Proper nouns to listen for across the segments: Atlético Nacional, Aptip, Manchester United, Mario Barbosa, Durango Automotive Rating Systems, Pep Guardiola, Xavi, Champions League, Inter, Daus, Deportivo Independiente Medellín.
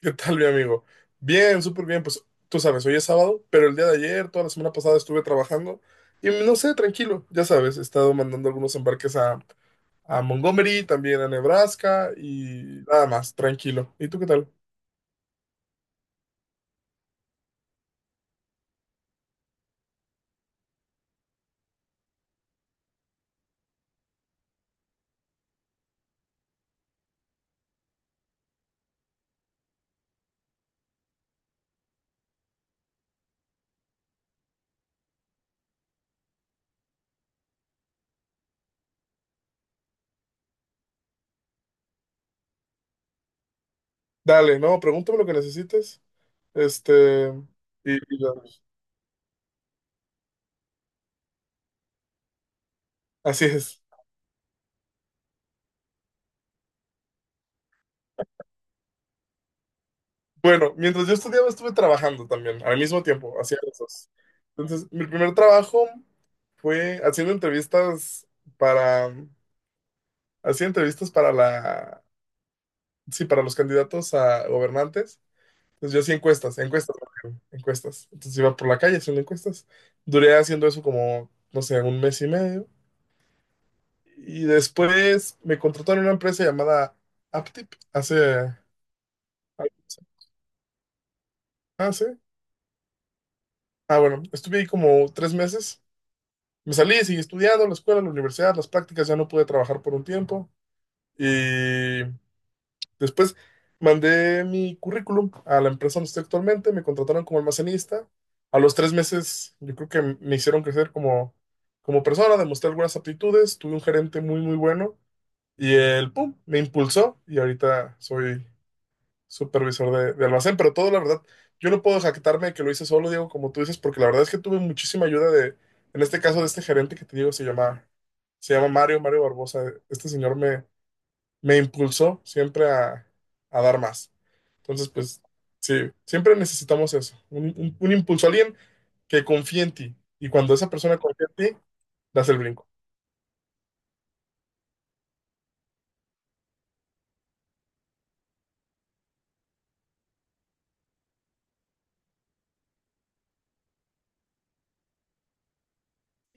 ¿Qué tal, mi amigo? Bien, súper bien. Pues tú sabes, hoy es sábado, pero el día de ayer, toda la semana pasada estuve trabajando y no sé, tranquilo, ya sabes, he estado mandando algunos embarques a Montgomery, también a Nebraska y nada más, tranquilo. ¿Y tú qué tal? Dale, no, pregúntame lo que necesites. Este, y ya. Así es. Bueno, mientras yo estudiaba estuve trabajando también, al mismo tiempo, hacía los dos. Entonces, mi primer trabajo fue haciendo entrevistas para hacía entrevistas para la, sí, para los candidatos a gobernantes. Entonces yo hacía encuestas, encuestas, Mateo, encuestas. Entonces iba por la calle haciendo encuestas. Duré haciendo eso como, no sé, un mes y medio. Y después me contrataron en una empresa llamada Aptip hace… Ah, sí. Ah, bueno, estuve ahí como 3 meses. Me salí, seguí estudiando, la escuela, la universidad, las prácticas, ya no pude trabajar por un tiempo. Y después mandé mi currículum a la empresa donde estoy actualmente, me contrataron como almacenista. A los 3 meses, yo creo que me hicieron crecer como, como persona, demostré algunas aptitudes, tuve un gerente muy, muy bueno y él, pum, me impulsó y ahorita soy supervisor de almacén, pero todo, la verdad, yo no puedo jactarme de que lo hice solo, Diego, como tú dices, porque la verdad es que tuve muchísima ayuda de, en este caso, de este gerente que te digo, se llama Mario, Mario Barbosa. Este señor me impulsó siempre a dar más. Entonces, pues sí, siempre necesitamos eso, un impulso, alguien que confíe en ti. Y cuando esa persona confía en ti, das el brinco.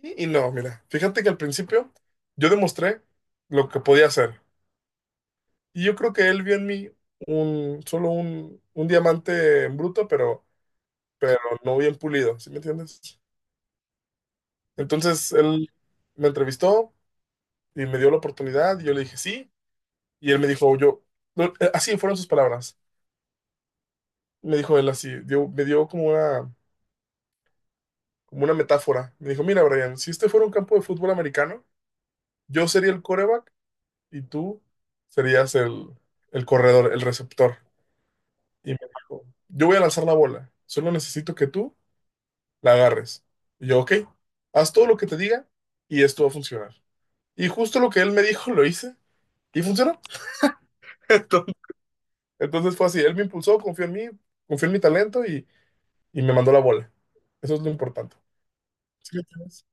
Y no, mira, fíjate que al principio yo demostré lo que podía hacer. Y yo creo que él vio en mí solo un diamante en bruto, pero no bien pulido, ¿sí me entiendes? Entonces él me entrevistó y me dio la oportunidad y yo le dije sí. Y él me dijo, yo, no, así fueron sus palabras. Me dijo él así, me dio como una metáfora. Me dijo, mira, Brian, si este fuera un campo de fútbol americano, yo sería el quarterback y tú serías el corredor, el receptor. Y me dijo, yo voy a lanzar la bola, solo necesito que tú la agarres. Y yo, ok, haz todo lo que te diga y esto va a funcionar. Y justo lo que él me dijo, lo hice y funcionó. Entonces, entonces fue así, él me impulsó, confió en mí, confió en mi talento y me mandó la bola. Eso es lo importante. ¿Sí me entiendes?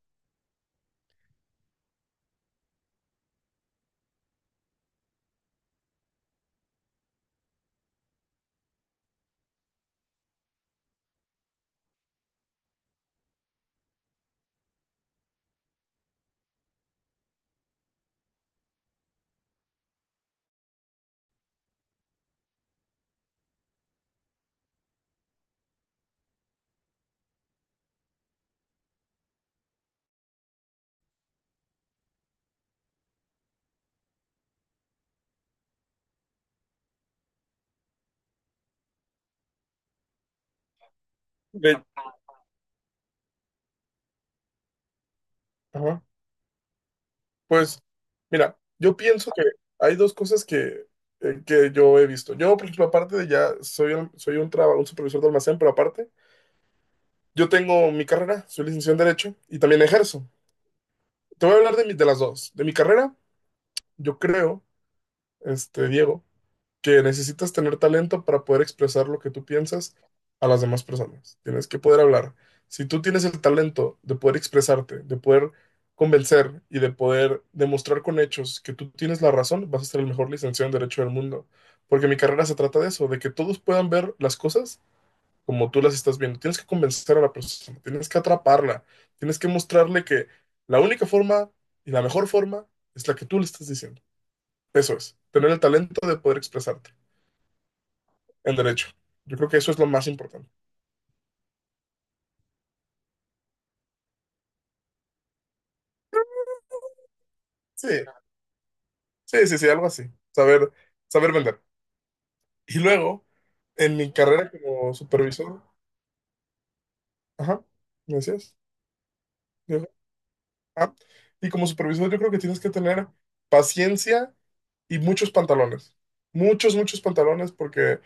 De- ajá. Pues, mira, yo pienso que hay dos cosas que yo he visto. Yo, por ejemplo, aparte de ya, soy un supervisor de almacén, pero aparte, yo tengo mi carrera, soy licenciado en Derecho y también ejerzo. Te voy a hablar de las dos. De mi carrera, yo creo, Diego, que necesitas tener talento para poder expresar lo que tú piensas a las demás personas. Tienes que poder hablar. Si tú tienes el talento de poder expresarte, de poder convencer y de poder demostrar con hechos que tú tienes la razón, vas a ser el mejor licenciado en Derecho del mundo. Porque mi carrera se trata de eso, de que todos puedan ver las cosas como tú las estás viendo. Tienes que convencer a la persona, tienes que atraparla, tienes que mostrarle que la única forma y la mejor forma es la que tú le estás diciendo. Eso es, tener el talento de poder expresarte en derecho. Yo creo que eso es lo más importante. Sí, sí, sí, sí, algo así. Saber, saber vender. Y luego, en mi carrera como supervisor, ajá, ¿me decías? Yo, ah, y como supervisor yo creo que tienes que tener paciencia y muchos pantalones. Muchos, muchos pantalones porque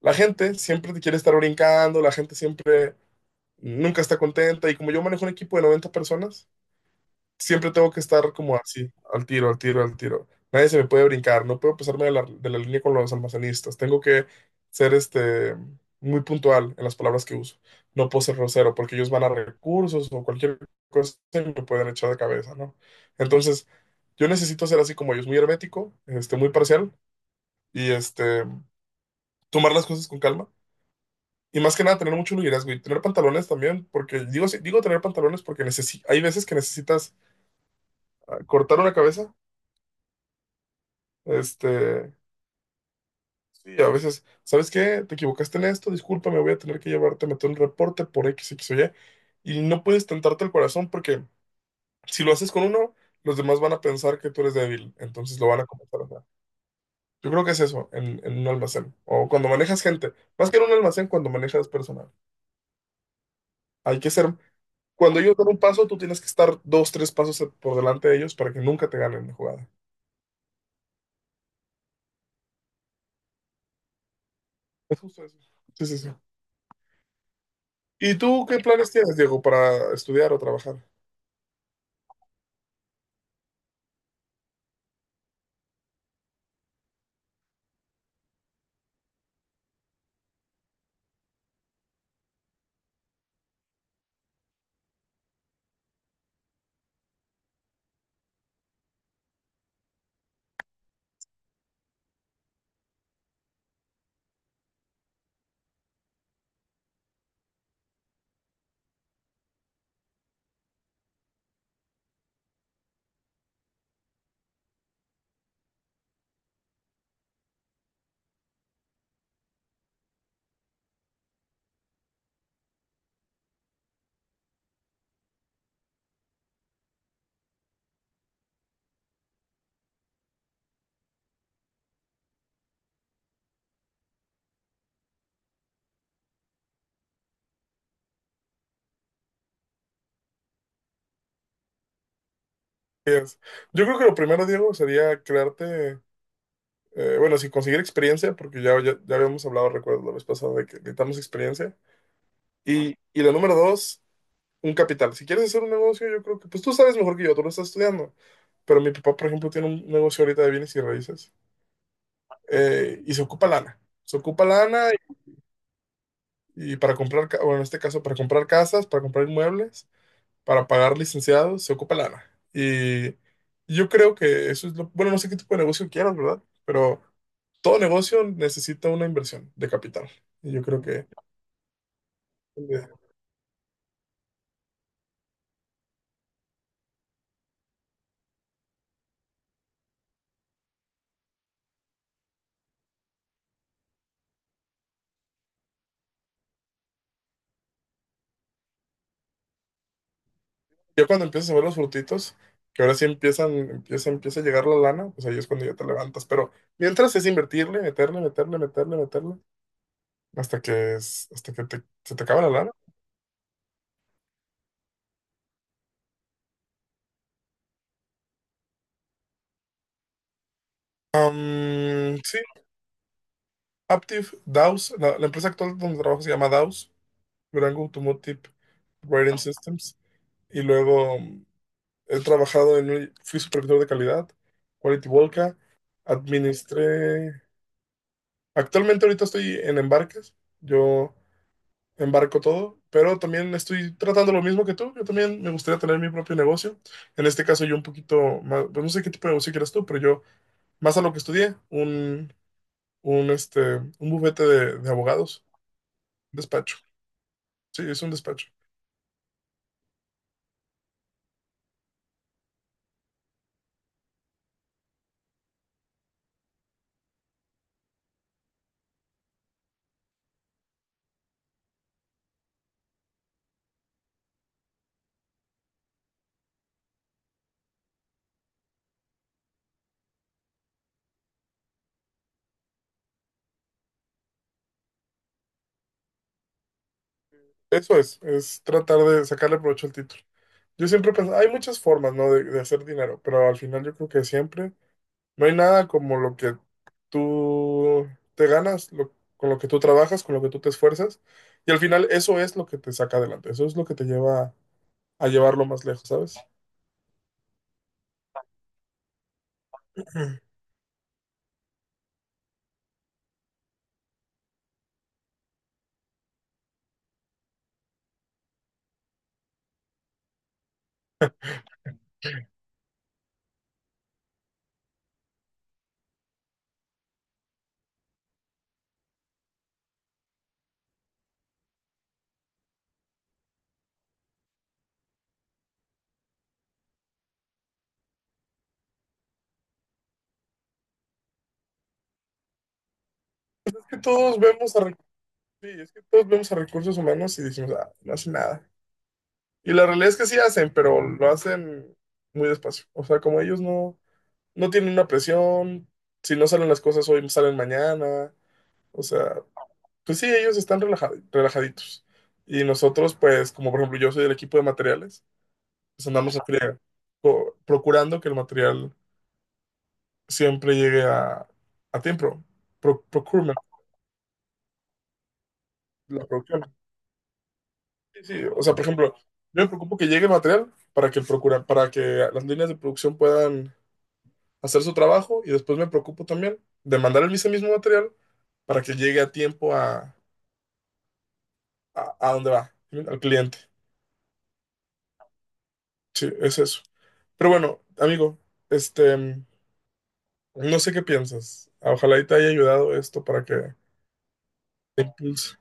la gente siempre te quiere estar brincando, la gente siempre nunca está contenta y como yo manejo un equipo de 90 personas, siempre tengo que estar como así, al tiro, al tiro, al tiro. Nadie se me puede brincar, no puedo pasarme de la línea con los almacenistas. Tengo que ser muy puntual en las palabras que uso. No puedo ser grosero porque ellos van a recursos o cualquier cosa y me pueden echar de cabeza, ¿no? Entonces, yo necesito ser así como ellos, muy hermético, muy parcial y tomar las cosas con calma. Y más que nada, tener mucho liderazgo y tener pantalones también, porque digo, digo tener pantalones porque necesi hay veces que necesitas cortar una cabeza. Este, sí, a veces, ¿sabes qué? Te equivocaste en esto, discúlpame, voy a tener que llevarte a meter un reporte por X, X o Y. Y no puedes tentarte el corazón porque si lo haces con uno, los demás van a pensar que tú eres débil, entonces lo van a comenzar a hacer. Yo creo que es eso en un almacén o cuando manejas gente, más que en un almacén, cuando manejas personal. Hay que ser, cuando ellos dan un paso, tú tienes que estar dos, tres pasos por delante de ellos para que nunca te ganen la jugada. Es justo eso. Sí, sí, sí. ¿Y tú qué planes tienes, Diego, para estudiar o trabajar? Es. Yo creo que lo primero, Diego, sería crearte, bueno, sí, conseguir experiencia, porque ya habíamos hablado, recuerdo, la vez pasada de que necesitamos experiencia. Y la número dos, un capital. Si quieres hacer un negocio, yo creo que, pues tú sabes mejor que yo, tú lo estás estudiando. Pero mi papá, por ejemplo, tiene un negocio ahorita de bienes y raíces, y se ocupa lana. Se ocupa lana y para comprar, bueno, en este caso, para comprar casas, para comprar inmuebles, para pagar licenciados se ocupa lana. Y yo creo que eso es lo, bueno, no sé qué tipo de negocio quieras, ¿verdad? Pero todo negocio necesita una inversión de capital. Y yo creo que eh, ya cuando empiezas a ver los frutitos, que ahora sí empieza a llegar la lana, pues ahí es cuando ya te levantas. Pero mientras es invertirle, meterle, meterle, meterle, meterle, hasta que, es- hasta que te- se te acaba la lana. Sí, Aptiv, Daus, la empresa actual donde trabajo se llama Daus. Durango Automotive Rating Systems. Y luego he trabajado fui supervisor de calidad, Quality Volca, administré, actualmente ahorita estoy en embarques, yo embarco todo, pero también estoy tratando lo mismo que tú, yo también me gustaría tener mi propio negocio, en este caso yo un poquito más, pues no sé qué tipo de negocio quieras tú, pero yo más a lo que estudié, un, este, un bufete de abogados, despacho, sí, es un despacho. Eso es tratar de sacarle provecho al título. Yo siempre pensé, hay muchas formas, ¿no?, de hacer dinero, pero al final yo creo que siempre no hay nada como lo que tú te ganas, con lo que tú trabajas, con lo que tú te esfuerzas, y al final eso es lo que te saca adelante, eso es lo que te lleva a llevarlo más lejos, ¿sabes? Es que todos vemos a, recu- Sí, es que todos vemos a recursos humanos y decimos, ah, no hacen nada. Y la realidad es que sí hacen, pero lo hacen muy despacio. O sea, como ellos no, no tienen una presión, si no salen las cosas hoy, salen mañana, o sea, pues sí, ellos están relajaditos. Y nosotros, pues, como por ejemplo yo soy del equipo de materiales, pues andamos en friega, procurando que el material siempre llegue a tiempo. Procurement, la producción. Sí, sí, o sea, por ejemplo, yo me preocupo que llegue el material para que para que las líneas de producción puedan hacer su trabajo y después me preocupo también de mandar el ese mismo material para que llegue a tiempo a dónde va, al cliente. Sí, es eso. Pero bueno, amigo, este, mm, no sé qué piensas. Ojalá y te haya ayudado esto para que te impulse.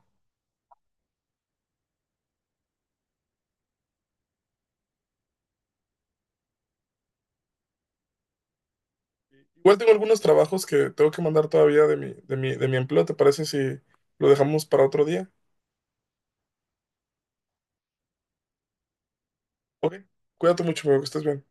Igual tengo algunos trabajos que tengo que mandar todavía de mi empleo. ¿Te parece si lo dejamos para otro día? Ok, cuídate mucho, amigo, que estés bien.